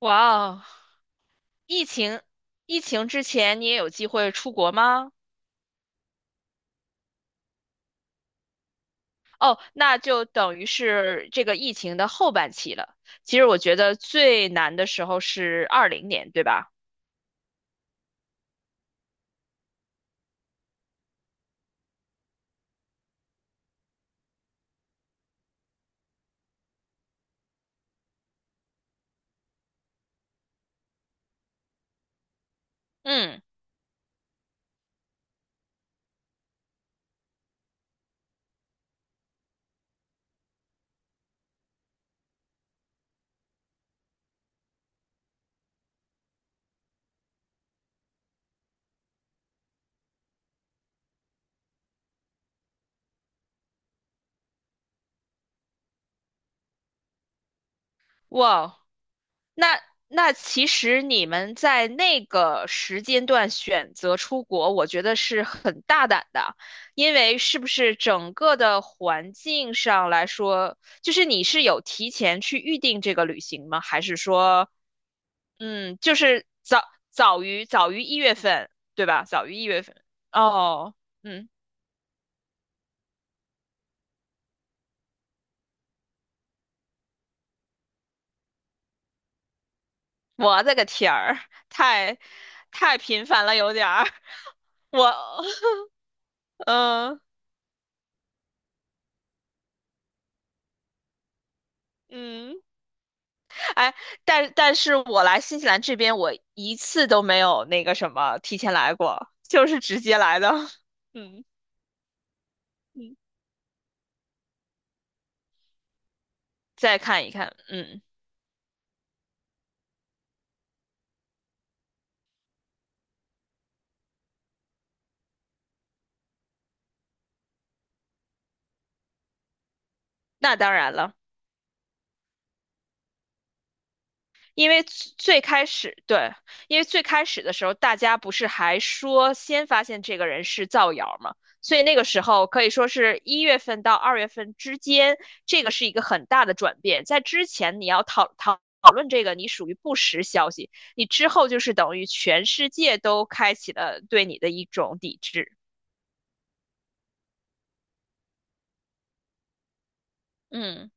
哇哦，疫情疫情之前你也有机会出国吗？哦，那就等于是这个疫情的后半期了。其实我觉得最难的时候是二零年，对吧？嗯，哇哦那那其实你们在那个时间段选择出国，我觉得是很大胆的，因为是不是整个的环境上来说，就是你是有提前去预定这个旅行吗？还是说，嗯，就是早早于一月份，对吧？早于一月份。哦，嗯，我的个天儿，太太频繁了，有点儿，我，嗯嗯。哎，但是我来新西兰这边，我一次都没有那个什么提前来过，就是直接来的。嗯嗯，再看一看，嗯，那当然了。因为最最开始，对，因为最开始的时候，大家不是还说先发现这个人是造谣吗？所以那个时候可以说是一月份到二月份之间，这个是一个很大的转变。在之前你要讨论这个，你属于不实消息；你之后就是等于全世界都开启了对你的一种抵制。嗯，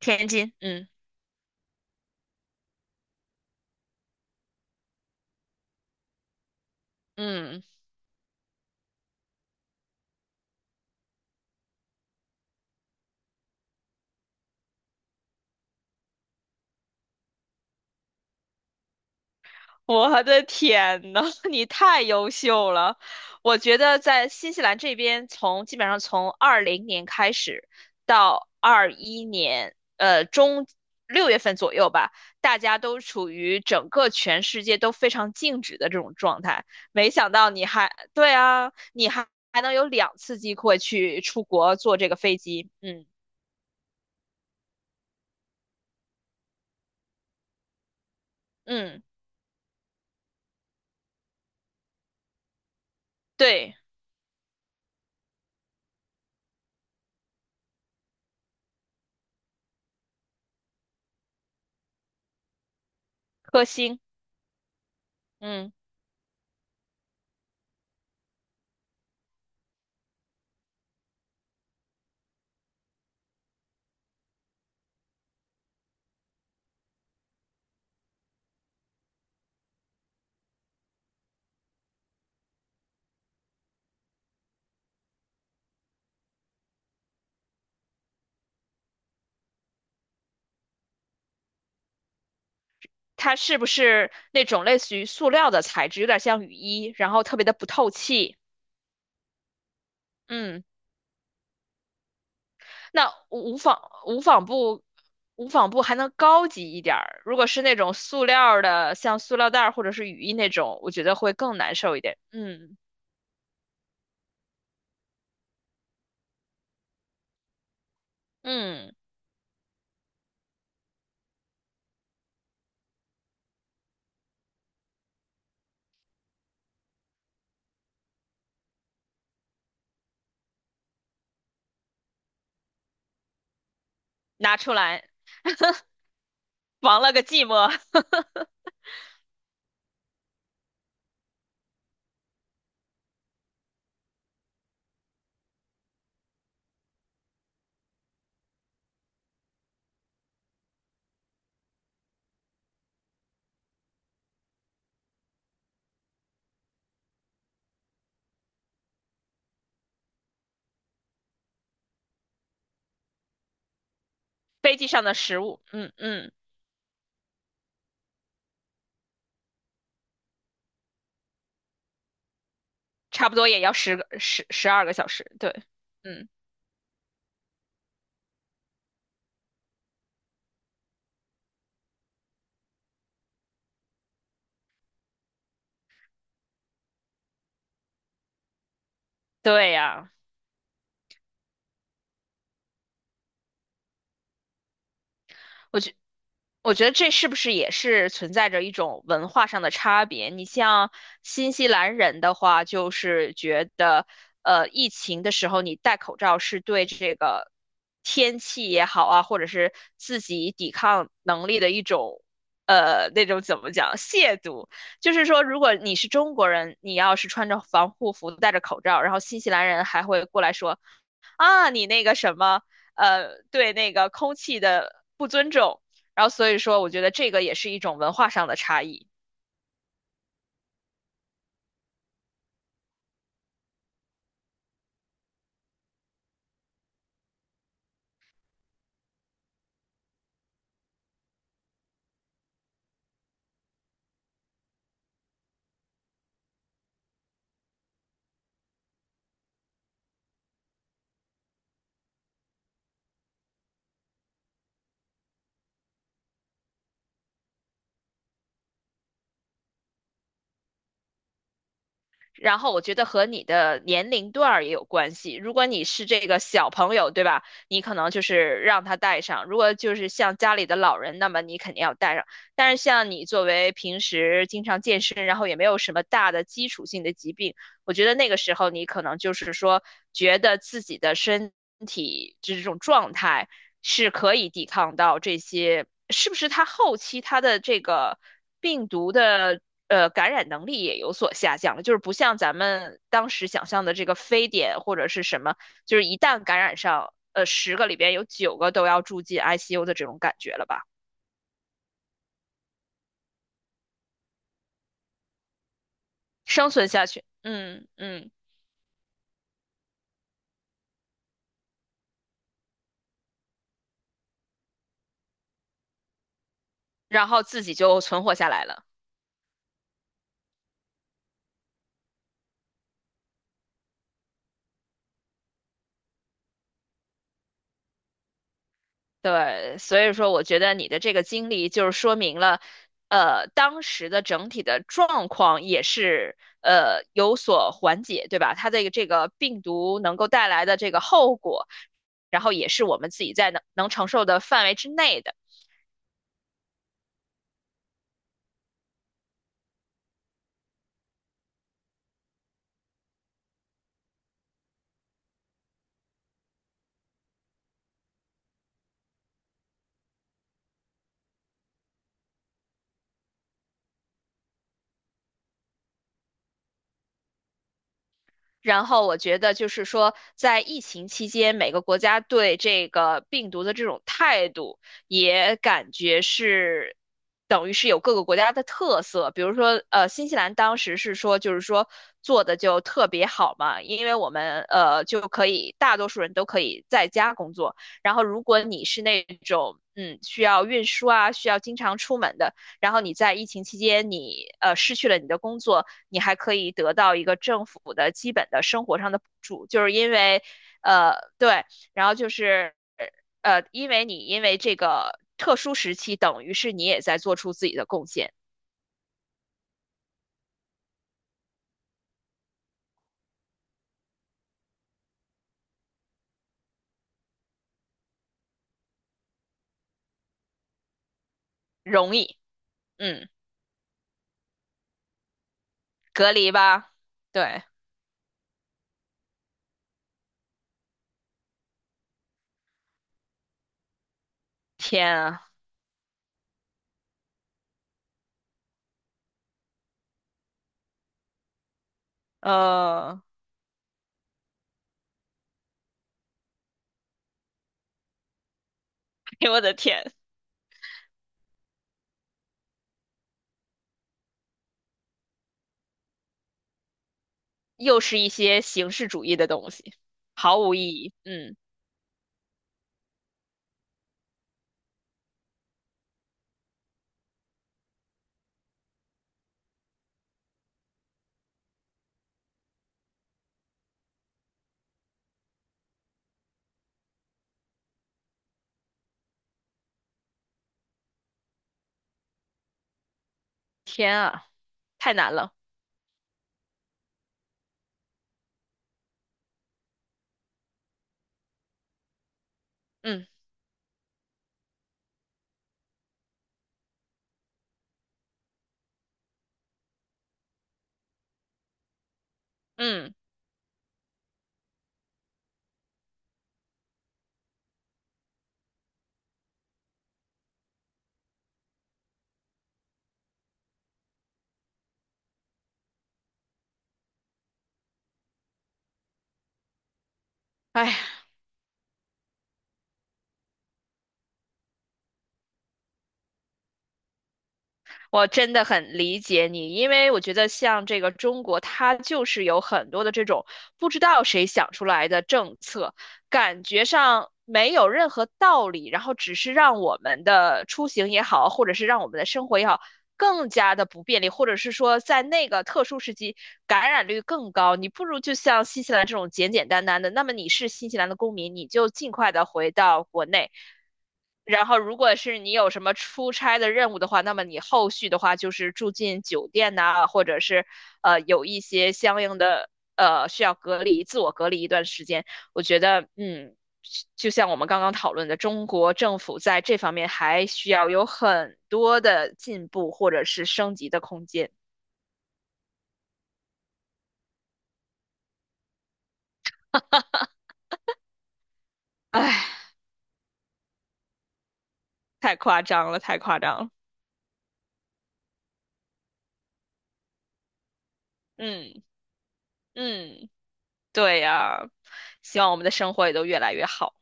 天津，嗯嗯。我的天呐，你太优秀了！我觉得在新西兰这边从，基本上从二零年开始到二一年，中六月份左右吧，大家都处于整个全世界都非常静止的这种状态。没想到你还，对啊，你还能有两次机会去出国坐这个飞机，嗯嗯，对，颗星，嗯。它是不是那种类似于塑料的材质，有点像雨衣，然后特别的不透气。嗯，那无纺布无纺布还能高级一点儿，如果是那种塑料儿的，像塑料袋儿或者是雨衣那种，我觉得会更难受一点。嗯嗯，拿出来，亡了个寂寞。飞机上的食物，嗯嗯，差不多也要十个十二个小时。对，嗯，对呀。我觉我觉得这是不是也是存在着一种文化上的差别？你像新西兰人的话，就是觉得，疫情的时候你戴口罩是对这个天气也好啊，或者是自己抵抗能力的一种，那种怎么讲，亵渎。就是说，如果你是中国人，你要是穿着防护服、戴着口罩，然后新西兰人还会过来说。啊，你那个什么，对那个空气的不尊重，然后所以说，我觉得这个也是一种文化上的差异。然后我觉得和你的年龄段儿也有关系。如果你是这个小朋友，对吧？你可能就是让他带上；如果就是像家里的老人，那么你肯定要带上。但是像你作为平时经常健身，然后也没有什么大的基础性的疾病。我觉得那个时候你可能就是说，觉得自己的身体这种状态是可以抵抗到这些，是不是它后期它的这个病毒的感染能力也有所下降了？就是不像咱们当时想象的这个非典或者是什么，就是一旦感染上，十个里边有九个都要住进 ICU 的这种感觉了吧？生存下去，嗯嗯，然后自己就存活下来了。对，所以说我觉得你的这个经历就是说明了，当时的整体的状况也是有所缓解，对吧？它的这个病毒能够带来的这个后果，然后也是我们自己在能承受的范围之内的。然后我觉得就是说，在疫情期间，每个国家对这个病毒的这种态度，也感觉是等于是有各个国家的特色。比如说，新西兰当时是说，就是说做的就特别好嘛，因为我们就可以大多数人都可以在家工作。然后，如果你是那种嗯需要运输啊，需要经常出门的，然后你在疫情期间你失去了你的工作。你还可以得到一个政府的基本的生活上的补助，就是因为，对，然后就是，因为你因为这个特殊时期，等于是你也在做出自己的贡献，容易，嗯，隔离吧，对，天啊，呃，哎我的天，又是一些形式主义的东西，毫无意义，嗯，天啊，太难了，嗯嗯，哎呀，我真的很理解你，因为我觉得像这个中国，它就是有很多的这种不知道谁想出来的政策，感觉上没有任何道理，然后只是让我们的出行也好，或者是让我们的生活也好，更加的不便利，或者是说在那个特殊时期感染率更高，你不如就像新西兰这种简简单单的。那么你是新西兰的公民，你就尽快的回到国内。然后，如果是你有什么出差的任务的话，那么你后续的话就是住进酒店呐、或者是有一些相应的需要隔离、自我隔离一段时间。我觉得，嗯，就像我们刚刚讨论的，中国政府在这方面还需要有很多的进步或者是升级的空间。唉，太夸张了，太夸张了。嗯嗯，对呀，希望我们的生活也都越来越好。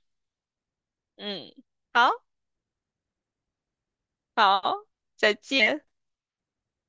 嗯，好好，再见。